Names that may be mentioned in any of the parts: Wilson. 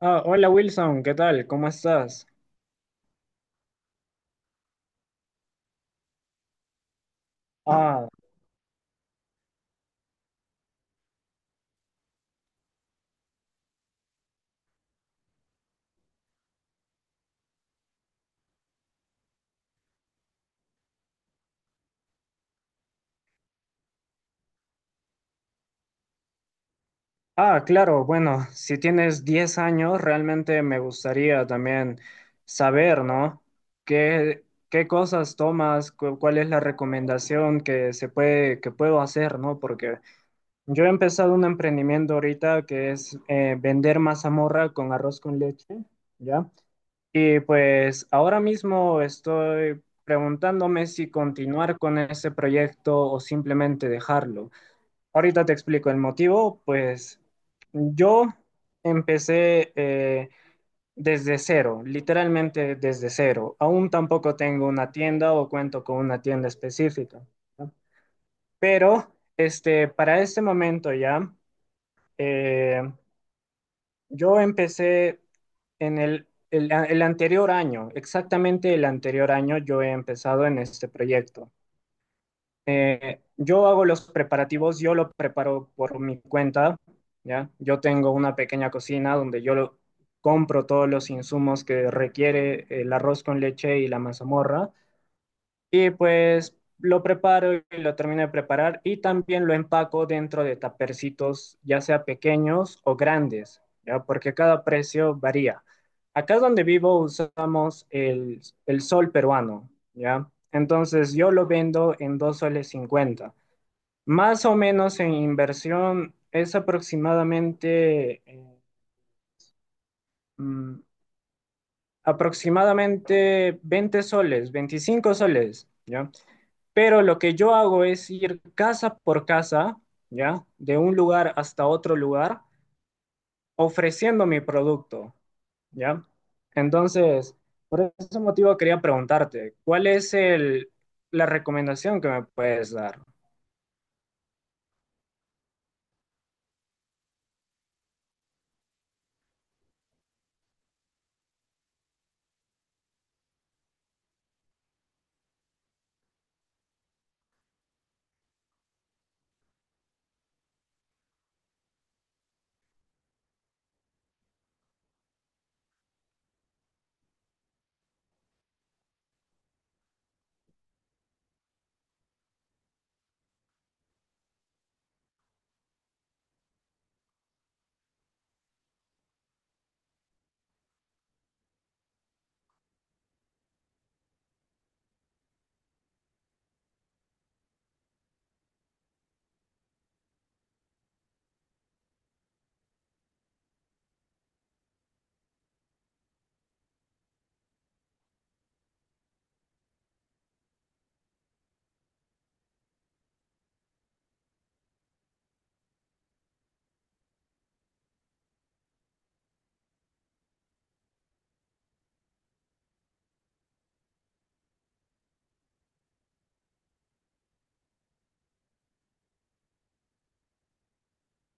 Ah, hola Wilson, ¿qué tal? ¿Cómo estás? Ah, ah, claro, bueno, si tienes 10 años, realmente me gustaría también saber, ¿no? ¿Qué, qué cosas tomas? ¿Cuál es la recomendación que puedo hacer, ¿no? Porque yo he empezado un emprendimiento ahorita que es vender mazamorra con arroz con leche, ¿ya? Y pues ahora mismo estoy preguntándome si continuar con ese proyecto o simplemente dejarlo. Ahorita te explico el motivo, pues yo empecé desde cero, literalmente desde cero. Aún tampoco tengo una tienda o cuento con una tienda específica, ¿no? Pero para este momento ya, eh, yo empecé en el anterior año, exactamente el anterior año yo he empezado en este proyecto. Yo hago los preparativos, yo lo preparo por mi cuenta, ¿ya? Yo tengo una pequeña cocina donde yo compro todos los insumos que requiere el arroz con leche y la mazamorra. Y pues lo preparo y lo termino de preparar y también lo empaco dentro de tapercitos, ya sea pequeños o grandes, ¿ya? Porque cada precio varía. Acá donde vivo usamos el sol peruano, ¿ya? Entonces yo lo vendo en 2.50 soles. Más o menos en inversión es aproximadamente, mm, 20 soles, 25 soles, ¿ya? Pero lo que yo hago es ir casa por casa, ¿ya? De un lugar hasta otro lugar, ofreciendo mi producto, ¿ya? Entonces, por ese motivo quería preguntarte, ¿cuál es la recomendación que me puedes dar?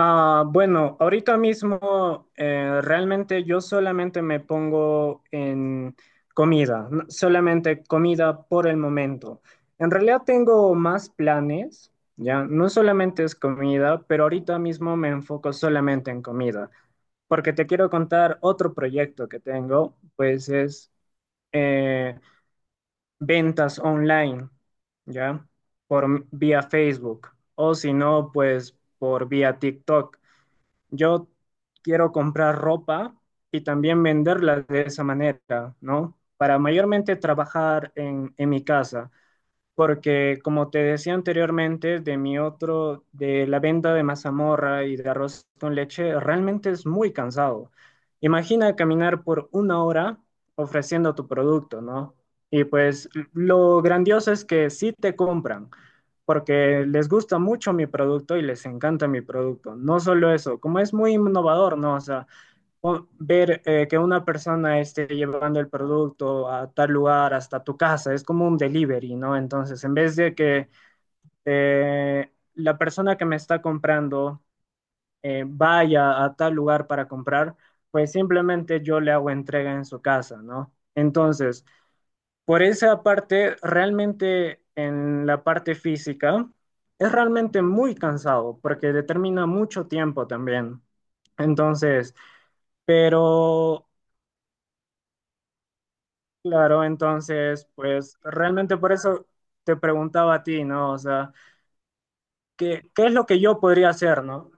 Ah, bueno, ahorita mismo realmente yo solamente me pongo en comida, solamente comida por el momento. En realidad tengo más planes, ya, no solamente es comida, pero ahorita mismo me enfoco solamente en comida, porque te quiero contar otro proyecto que tengo, pues es eh, ventas online, ya, vía Facebook, o si no, pues por vía TikTok yo quiero comprar ropa y también venderla de esa manera, ¿no? Para mayormente trabajar en mi casa porque como te decía anteriormente, de mi otro, de la venta de mazamorra y de arroz con leche, realmente es muy cansado. Imagina caminar por una hora ofreciendo tu producto, ¿no? Y pues lo grandioso es que sí te compran, porque les gusta mucho mi producto y les encanta mi producto. No solo eso, como es muy innovador, ¿no? O sea, o ver que una persona esté llevando el producto a tal lugar, hasta tu casa, es como un delivery, ¿no? Entonces, en vez de que la persona que me está comprando vaya a tal lugar para comprar, pues simplemente yo le hago entrega en su casa, ¿no? Entonces, por esa parte, realmente en la parte física, es realmente muy cansado porque determina mucho tiempo también. Entonces, pero... Claro, entonces, pues realmente por eso te preguntaba a ti, ¿no? O sea, ¿qué es lo que yo podría hacer, ¿no?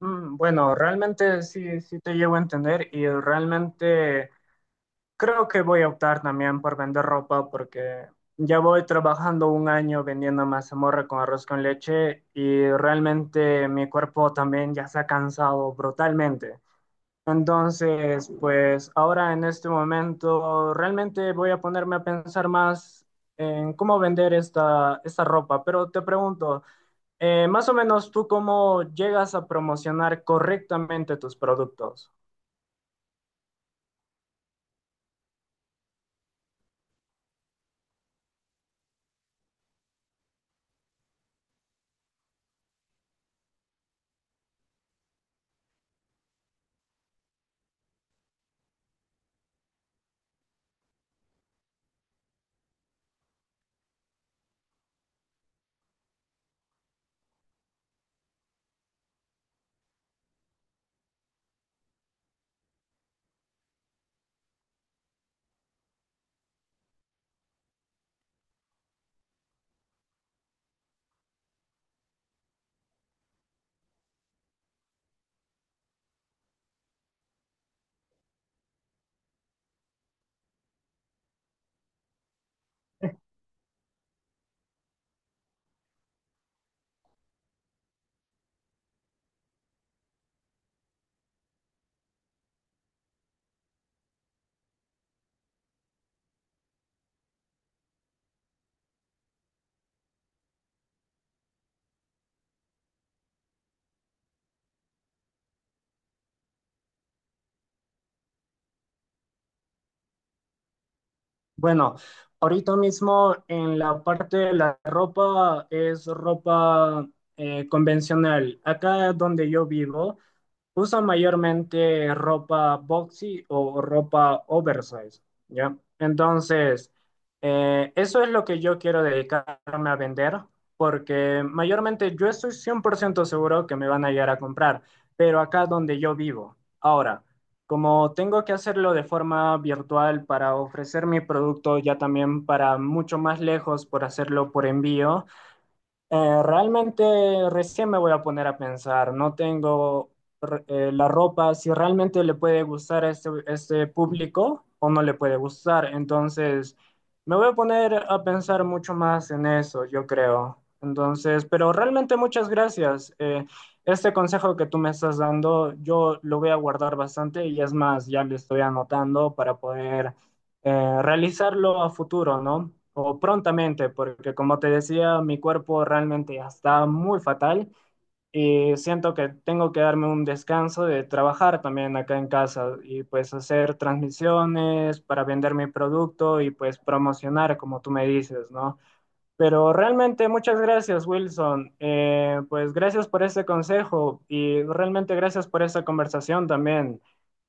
Mm, bueno, realmente sí, sí te llevo a entender y realmente creo que voy a optar también por vender ropa porque ya voy trabajando un año vendiendo mazamorra con arroz con leche y realmente mi cuerpo también ya se ha cansado brutalmente. Entonces, pues ahora en este momento realmente voy a ponerme a pensar más en cómo vender esta ropa, pero te pregunto, más o menos tú cómo llegas a promocionar correctamente tus productos. Bueno, ahorita mismo en la parte de la ropa es ropa convencional. Acá donde yo vivo usa mayormente ropa boxy o ropa oversize, ¿ya? Entonces, eso es lo que yo quiero dedicarme a vender, porque mayormente yo estoy 100% seguro que me van a llegar a comprar, pero acá donde yo vivo. Ahora, como tengo que hacerlo de forma virtual para ofrecer mi producto ya también para mucho más lejos por hacerlo por envío, realmente recién me voy a poner a pensar, no tengo la ropa, si realmente le puede gustar a este público o no le puede gustar. Entonces, me voy a poner a pensar mucho más en eso, yo creo. Entonces, pero realmente muchas gracias. Este consejo que tú me estás dando, yo lo voy a guardar bastante y es más, ya lo estoy anotando para poder realizarlo a futuro, ¿no? O prontamente, porque como te decía, mi cuerpo realmente ya está muy fatal y siento que tengo que darme un descanso de trabajar también acá en casa y pues hacer transmisiones para vender mi producto y pues promocionar, como tú me dices, ¿no? Pero realmente muchas gracias, Wilson. Pues gracias por ese consejo y realmente gracias por esa conversación también.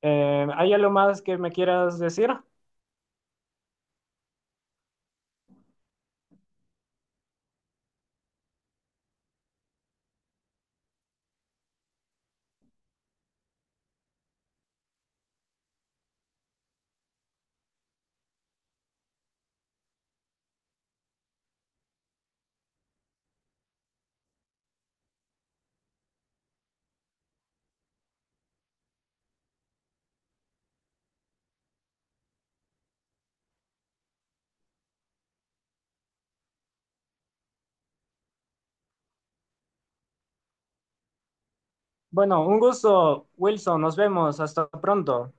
¿Hay algo más que me quieras decir? Bueno, un gusto, Wilson. Nos vemos. Hasta pronto.